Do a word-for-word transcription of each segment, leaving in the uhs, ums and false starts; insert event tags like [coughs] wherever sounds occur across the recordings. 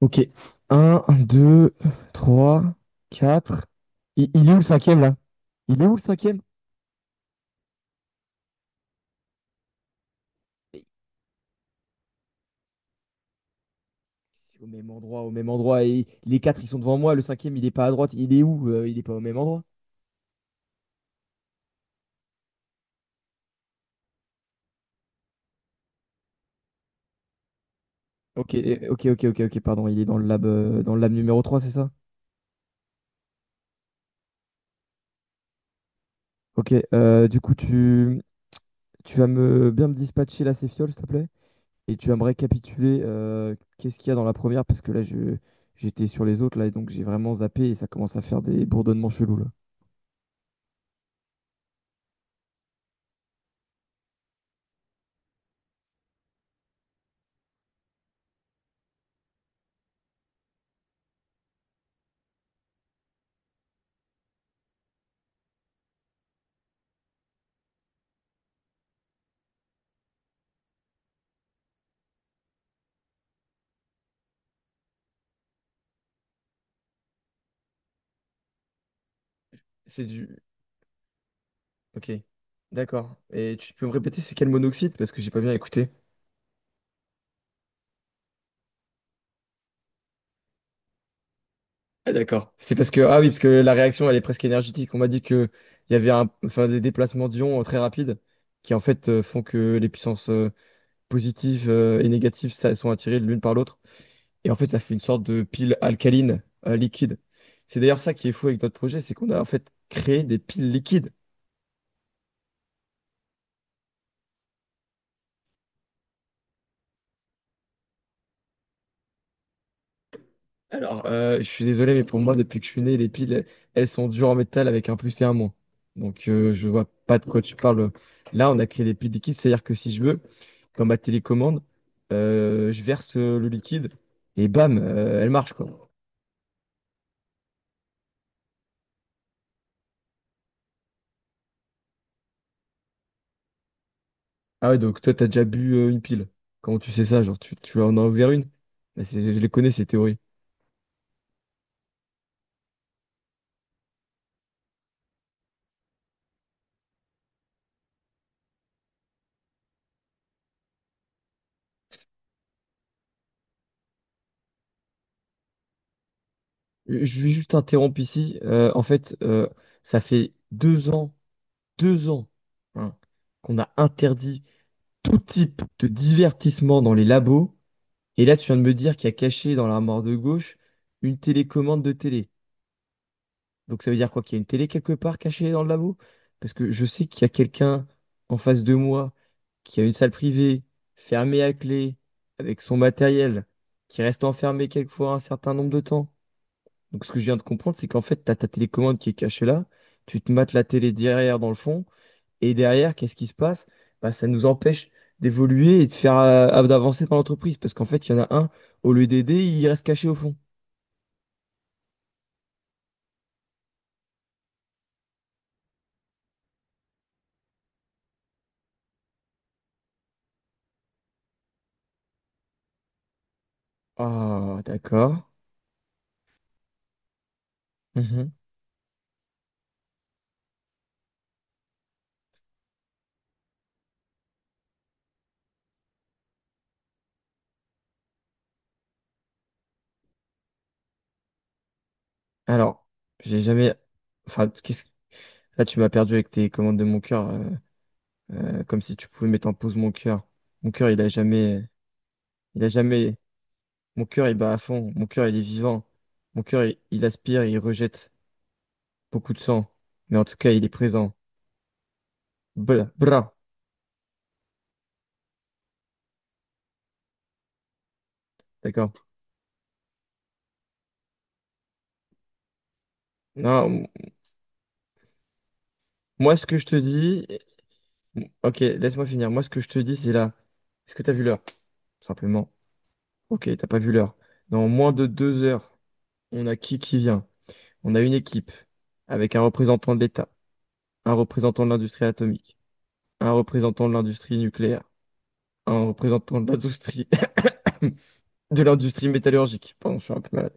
Ok. Un, deux, trois, quatre. Il, il est où le cinquième là? Il est où le cinquième? Mais c'est au même endroit, au même endroit. Et les quatre, ils sont devant moi. Le cinquième, il est pas à droite. Il est où? Euh, il est pas au même endroit. Ok, eh, ok, ok, ok, ok, pardon. Il est dans le lab, euh, dans le lab numéro trois, c'est ça? Ok, euh, du coup, tu, tu vas me bien me dispatcher la céfiole, s'il te plaît. Et tu vas me récapituler euh, qu'est-ce qu'il y a dans la première, parce que là, je, j'étais sur les autres, là, et donc j'ai vraiment zappé et ça commence à faire des bourdonnements chelous, là. C'est du... Ok, d'accord. Et tu peux me répéter, c'est quel monoxyde? Parce que j'ai pas bien écouté. Ah, d'accord. C'est parce que... Ah oui, parce que la réaction, elle est presque énergétique. On m'a dit que il y avait un... enfin, des déplacements d'ions euh, très rapides qui, en fait, euh, font que les puissances euh, positives euh, et négatives ça, sont attirées l'une par l'autre. Et en fait, ça fait une sorte de pile alcaline euh, liquide. C'est d'ailleurs ça qui est fou avec notre projet, c'est qu'on a en fait créé des piles liquides. Alors, euh, je suis désolé, mais pour moi, depuis que je suis né, les piles, elles sont dures en métal avec un plus et un moins. Donc, euh, je vois pas de quoi tu parles. Là, on a créé des piles liquides, c'est-à-dire que si je veux, dans ma télécommande, euh, je verse euh, le liquide et bam, euh, elle marche, quoi. Ah ouais, donc toi, t'as déjà bu euh, une pile. Comment tu sais ça? Genre, tu, tu en as ouvert une? Bah, c'est- je les connais, ces théories. Je je vais juste t'interrompre ici. Euh, en fait, euh, ça fait deux ans, deux ans, hein, qu'on a interdit tout type de divertissement dans les labos. Et là, tu viens de me dire qu'il y a caché dans l'armoire de gauche une télécommande de télé. Donc ça veut dire quoi? Qu'il y a une télé quelque part cachée dans le labo? Parce que je sais qu'il y a quelqu'un en face de moi qui a une salle privée, fermée à clé, avec son matériel, qui reste enfermé quelquefois un certain nombre de temps. Donc ce que je viens de comprendre, c'est qu'en fait, tu as ta télécommande qui est cachée là, tu te mates la télé derrière dans le fond, et derrière, qu'est-ce qui se passe? Bah, ça nous empêche d'évoluer et de faire euh, d'avancer par l'entreprise. Parce qu'en fait, il y en a un, au lieu d'aider, il reste caché au fond. Ah, d'accord. Mhm. Alors, j'ai jamais. Enfin, qu'est-ce- là, tu m'as perdu avec tes commandes de mon cœur, euh, euh, comme si tu pouvais mettre en pause mon cœur. Mon cœur, il a jamais. Il a jamais. Mon cœur, il bat à fond. Mon cœur, il est vivant. Mon cœur, il, il aspire, il rejette beaucoup de sang. Mais en tout cas, il est présent. Bla, bra. D'accord. Non, moi, ce que je te dis. Ok, laisse-moi finir. Moi, ce que je te dis, c'est là. Est-ce que t'as vu l'heure? Tout simplement. Ok, t'as pas vu l'heure. Dans moins de deux heures, on a qui qui vient? On a une équipe avec un représentant de l'État, un représentant de l'industrie atomique, un représentant de l'industrie nucléaire, un représentant de l'industrie [laughs] [coughs] de l'industrie métallurgique. Pardon, je suis un peu malade.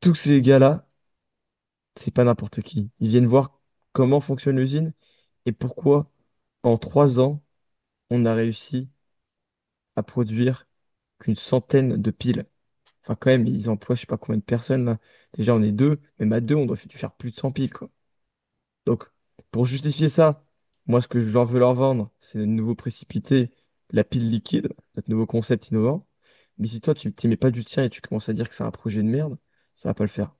Tous ces gars-là, c'est pas n'importe qui. Ils viennent voir comment fonctionne l'usine et pourquoi, en trois ans, on a réussi à produire qu'une centaine de piles. Enfin, quand même, ils emploient je sais pas combien de personnes là. Déjà, on est deux, même à deux, on doit f- faire plus de cent piles, quoi. Donc, pour justifier ça, moi, ce que je leur veux leur vendre, c'est de nouveau précipiter la pile liquide, notre nouveau concept innovant. Mais si toi, tu t'y mets pas du tien et tu commences à dire que c'est un projet de merde, ça va pas le faire.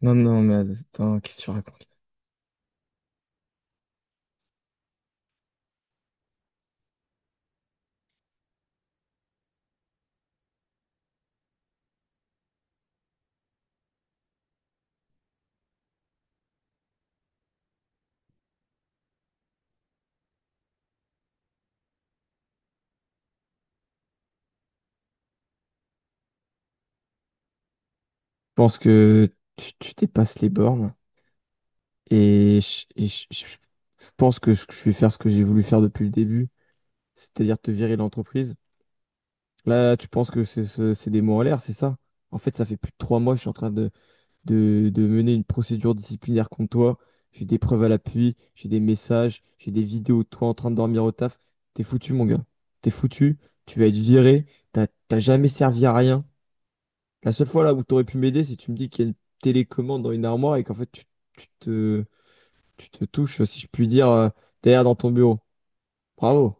Non, non, mais attends, qu'est-ce que tu racontes? Je pense que tu, tu dépasses les bornes et je, et je- je pense que je je vais faire ce que j'ai voulu faire depuis le début, c'est-à-dire te virer de l'entreprise. Là, tu penses que c'est ce- c'est des mots en l'air, c'est ça? En fait, ça fait plus de trois mois que je suis en train de, de, de mener une procédure disciplinaire contre toi. J'ai des preuves à l'appui, j'ai des messages, j'ai des vidéos de toi en train de dormir au taf. T'es foutu, mon gars. T'es foutu, tu vas être viré, t'as t'as jamais servi à rien. La seule fois là où tu aurais pu m'aider, c'est tu me dis qu'il y a une télécommande dans une armoire et qu'en fait tu, tu te, tu te touches, si je puis dire, euh, derrière dans ton bureau. Bravo.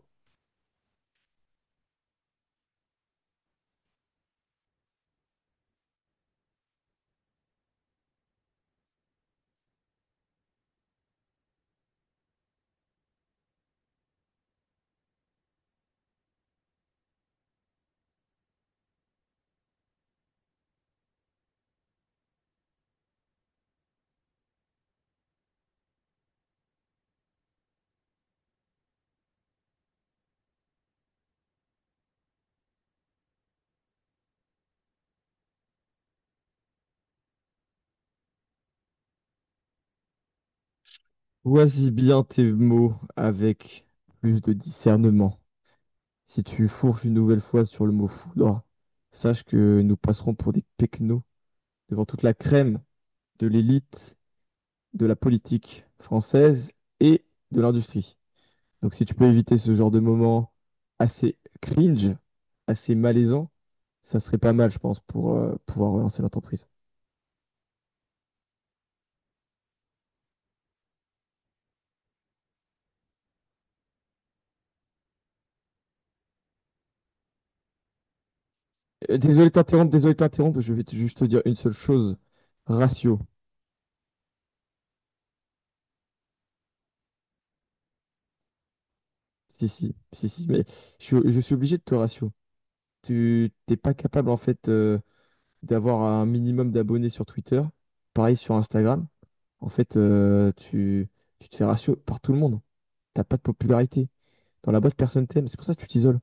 Choisis bien tes mots avec plus de discernement. Si tu fourches une nouvelle fois sur le mot foudre, sache que nous passerons pour des pecnos devant toute la crème de l'élite, de la politique française et de l'industrie. Donc si tu peux éviter ce genre de moment assez cringe, assez malaisant, ça serait pas mal, je pense, pour euh, pouvoir relancer l'entreprise. Euh, désolé de t'interrompre, désolé de t'interrompre, je vais te- juste te dire une seule chose. Ratio. Si, si, si, si, mais je, suis je suis obligé de te ratio. Tu t'es pas capable, en fait, euh, d'avoir un minimum d'abonnés sur Twitter, pareil sur Instagram. En fait, euh, tu, tu te fais ratio par tout le monde. T'as pas de popularité. Dans la boîte, personne t'aime. C'est pour ça que tu t'isoles.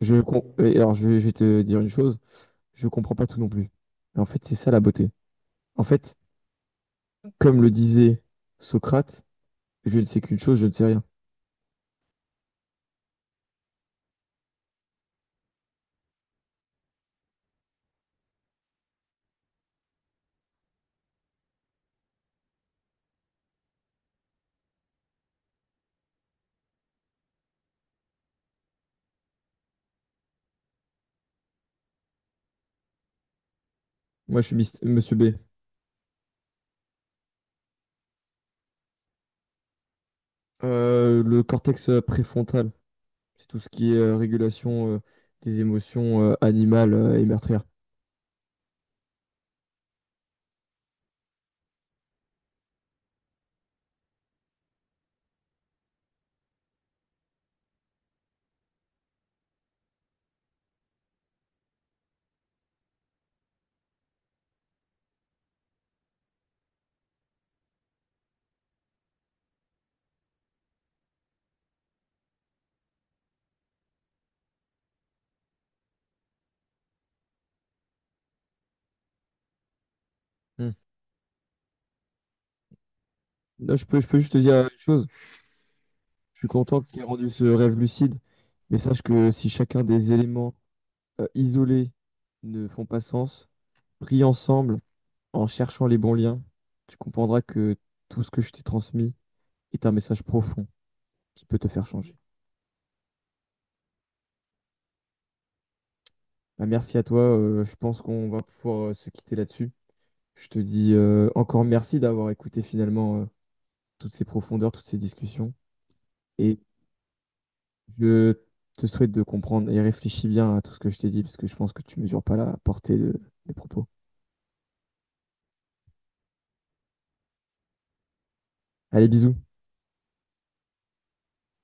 Je com- et alors, je vais, je vais te dire une chose, je comprends pas tout non plus. Mais en fait, c'est ça la beauté. En fait, comme le disait Socrate, je ne sais qu'une chose, je ne sais rien. Moi, je suis mis- Monsieur B. Euh, le cortex euh, préfrontal, c'est tout ce qui est euh, régulation euh, des émotions euh, animales euh, et meurtrières. Hmm. Là, je peux, je peux juste te dire euh, une chose, je suis content qu'il ait rendu ce rêve lucide, mais sache que si chacun des éléments euh, isolés ne font pas sens, pris ensemble, en cherchant les bons liens, tu comprendras que tout ce que je t'ai transmis est un message profond qui peut te faire changer. Bah, merci à toi, euh, je pense qu'on va pouvoir euh, se quitter là-dessus. Je te dis euh, encore merci d'avoir écouté finalement euh, toutes ces profondeurs, toutes ces discussions. Et je te souhaite de comprendre et réfléchis bien à tout ce que je t'ai dit, parce que je pense que tu mesures pas la portée de- des propos. Allez, bisous.